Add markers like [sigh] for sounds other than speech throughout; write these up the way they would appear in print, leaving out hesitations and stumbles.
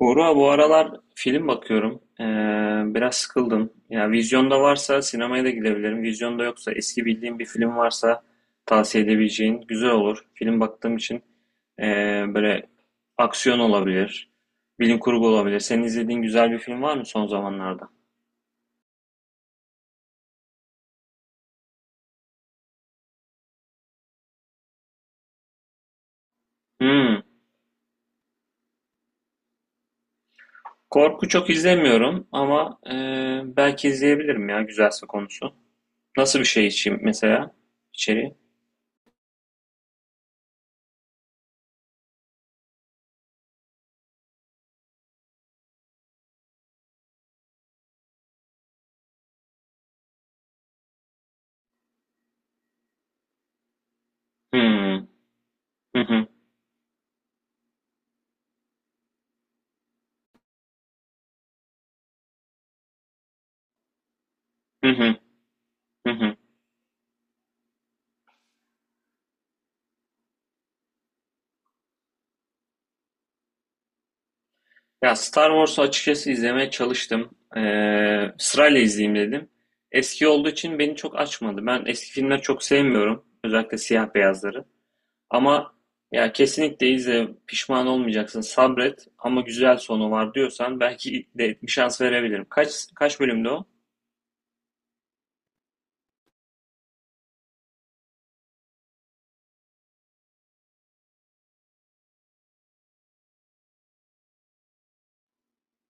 Buğra, bu aralar film bakıyorum. Biraz sıkıldım. Ya vizyonda varsa sinemaya da gidebilirim. Vizyonda yoksa eski bildiğim bir film varsa tavsiye edebileceğin güzel olur. Film baktığım için ee, böyle aksiyon olabilir, bilim kurgu olabilir. Senin izlediğin güzel bir film var mı son zamanlarda? Hmm, korku çok izlemiyorum ama belki izleyebilirim ya güzelse konusu. Nasıl bir şey için mesela içeriği? Hmm, hı hı, hı hı, hı hı. Ya Star Wars'u açıkçası izlemeye çalıştım. Sırayla izleyeyim dedim. Eski olduğu için beni çok açmadı. Ben eski filmleri çok sevmiyorum. Özellikle siyah beyazları. Ama ya kesinlikle izle. Pişman olmayacaksın. Sabret. Ama güzel sonu var diyorsan belki de bir şans verebilirim. Kaç kaç bölümde o?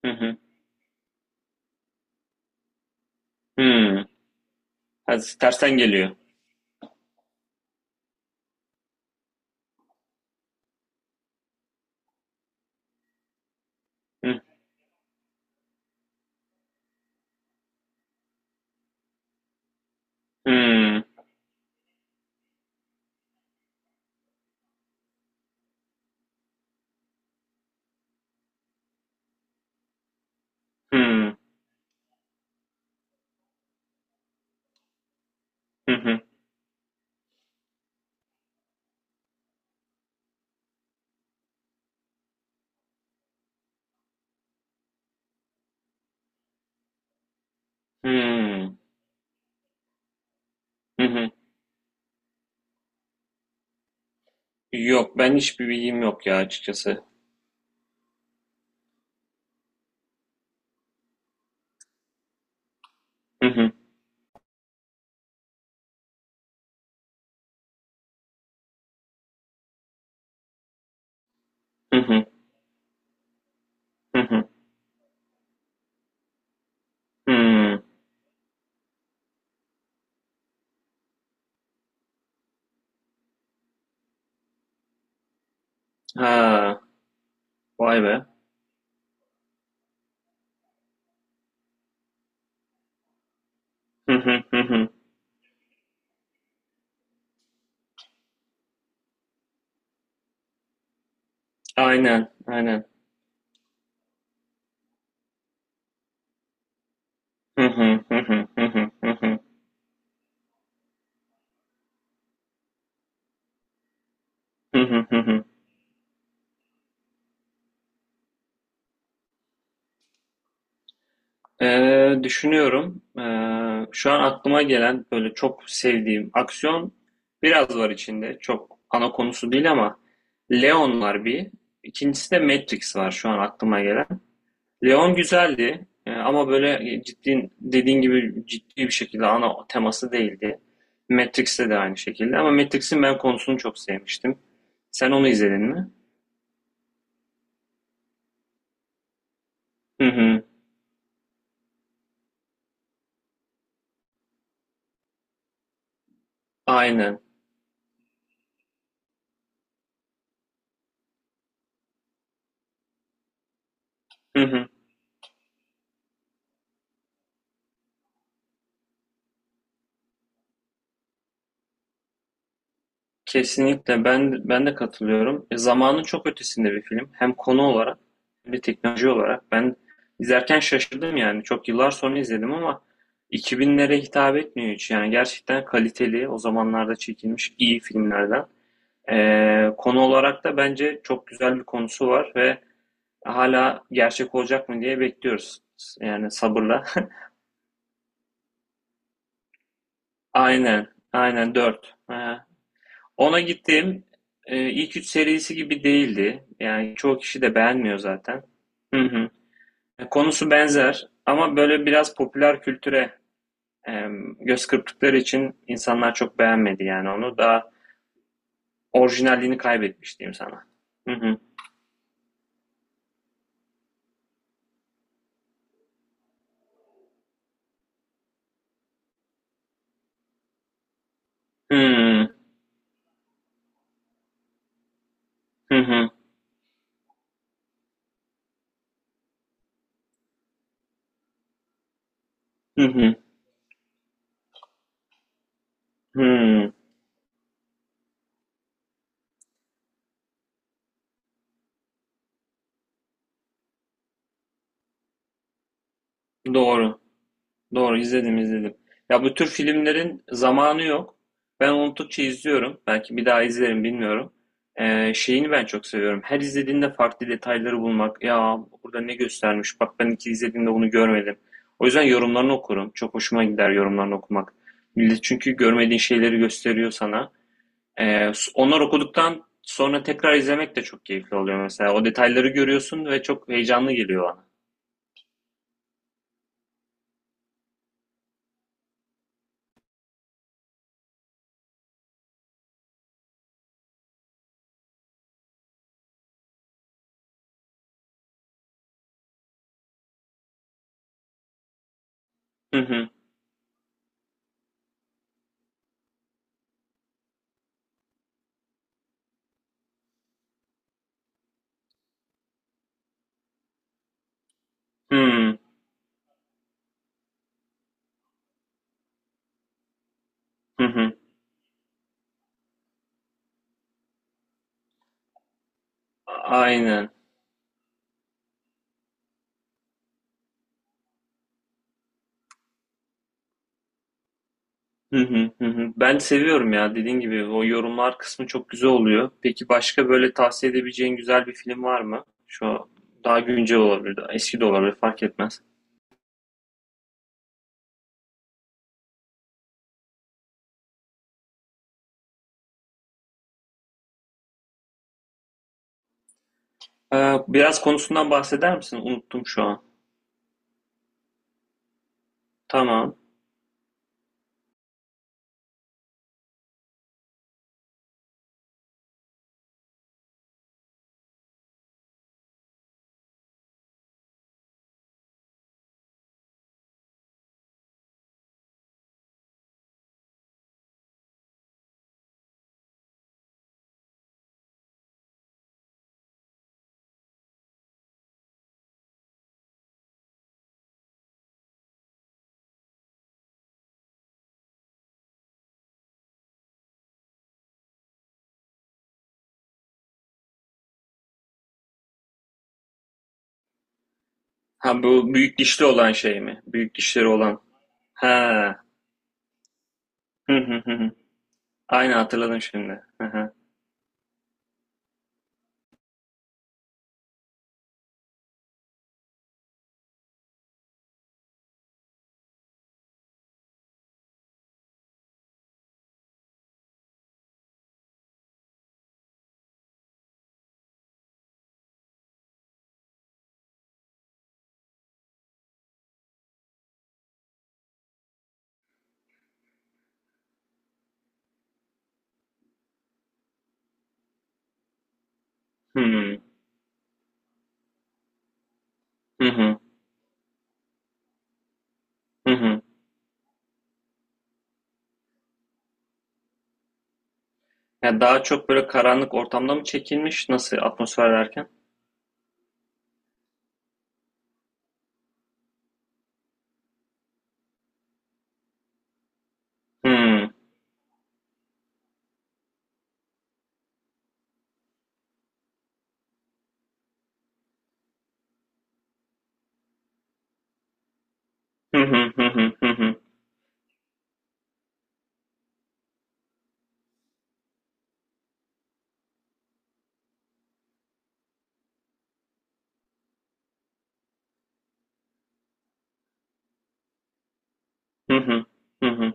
Hı hı. Hı. Ha, tersten geliyor. Hı hı. Hı hı. Hı hı. Hı hı. Yok ben hiçbir bilgim yok ya açıkçası. Hı hı. Hı hı. Hı hı. Hmm, ha. Vay be. Hı hı, hı hı. Aynen, aynen. Hı hı, hı hı, hı hı, hı hı. Hı hı, hı hı. Düşünüyorum. Şu an aklıma gelen böyle çok sevdiğim aksiyon biraz var içinde. Çok ana konusu değil ama Leon var bir. İkincisi de Matrix var şu an aklıma gelen. Leon güzeldi ama böyle ciddi dediğin gibi ciddi bir şekilde ana teması değildi. Matrix'te de aynı şekilde ama Matrix'in ben konusunu çok sevmiştim. Sen onu izledin mi? Hı hı. Aynen. Hı hı. Kesinlikle ben de katılıyorum. E, zamanın çok ötesinde bir film. Hem konu olarak hem de teknoloji olarak. Ben izlerken şaşırdım yani. Çok yıllar sonra izledim ama 2000'lere hitap etmiyor hiç. Yani gerçekten kaliteli, o zamanlarda çekilmiş iyi filmlerden. Konu olarak da bence çok güzel bir konusu var ve hala gerçek olacak mı diye bekliyoruz. Yani sabırla. [laughs] Aynen, aynen 4. Ona gittiğim ilk 3 serisi gibi değildi. Yani çoğu kişi de beğenmiyor zaten. Hı hı. Konusu benzer ama böyle biraz popüler kültüre e, göz kırptıkları için insanlar çok beğenmedi yani onu. Daha orijinalliğini kaybetmiş diyeyim sana. Hı hı. Hı hı. Hı hı. Hı hı. Hı. Doğru. Doğru izledim. Ya bu tür filmlerin zamanı yok. Ben unuttukça izliyorum. Belki bir daha izlerim bilmiyorum. Şeyini ben çok seviyorum. Her izlediğinde farklı detayları bulmak. Ya burada ne göstermiş? Bak ben iki izlediğimde bunu görmedim. O yüzden yorumlarını okurum. Çok hoşuma gider yorumlarını okumak. Millet çünkü görmediğin şeyleri gösteriyor sana. Onlar okuduktan sonra tekrar izlemek de çok keyifli oluyor mesela. O detayları görüyorsun ve çok heyecanlı geliyor bana. Hı hı. Hı hı. Hı hı. Aynen. Hı hı, hı hı. Ben seviyorum ya dediğin gibi o yorumlar kısmı çok güzel oluyor. Peki başka böyle tavsiye edebileceğin güzel bir film var mı? Şu an daha güncel olabilir, daha eski de olabilir fark etmez. Biraz konusundan bahseder misin? Unuttum şu an. Tamam. Ha bu büyük dişli olan şey mi? Büyük dişleri olan. Ha. Hı hı hı. Hı. Aynen hatırladım şimdi. Hı hı. Hmm. Hı hı. Hı hı. Ya daha çok böyle karanlık ortamda mı çekilmiş? Nasıl atmosfer derken? Hı. Hı hı hı hı hı hı hı hı hı hı.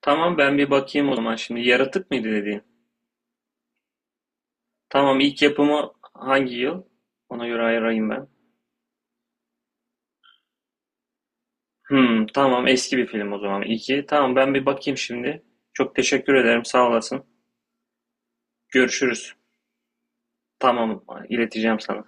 Tamam ben bir bakayım o zaman şimdi. Yaratık mıydı dediğin? Tamam ilk yapımı hangi yıl? Ona göre ayırayım ben. Hmm, tamam eski bir film o zaman. İki. Tamam ben bir bakayım şimdi. Çok teşekkür ederim sağ olasın. Görüşürüz. Tamam ileteceğim sana.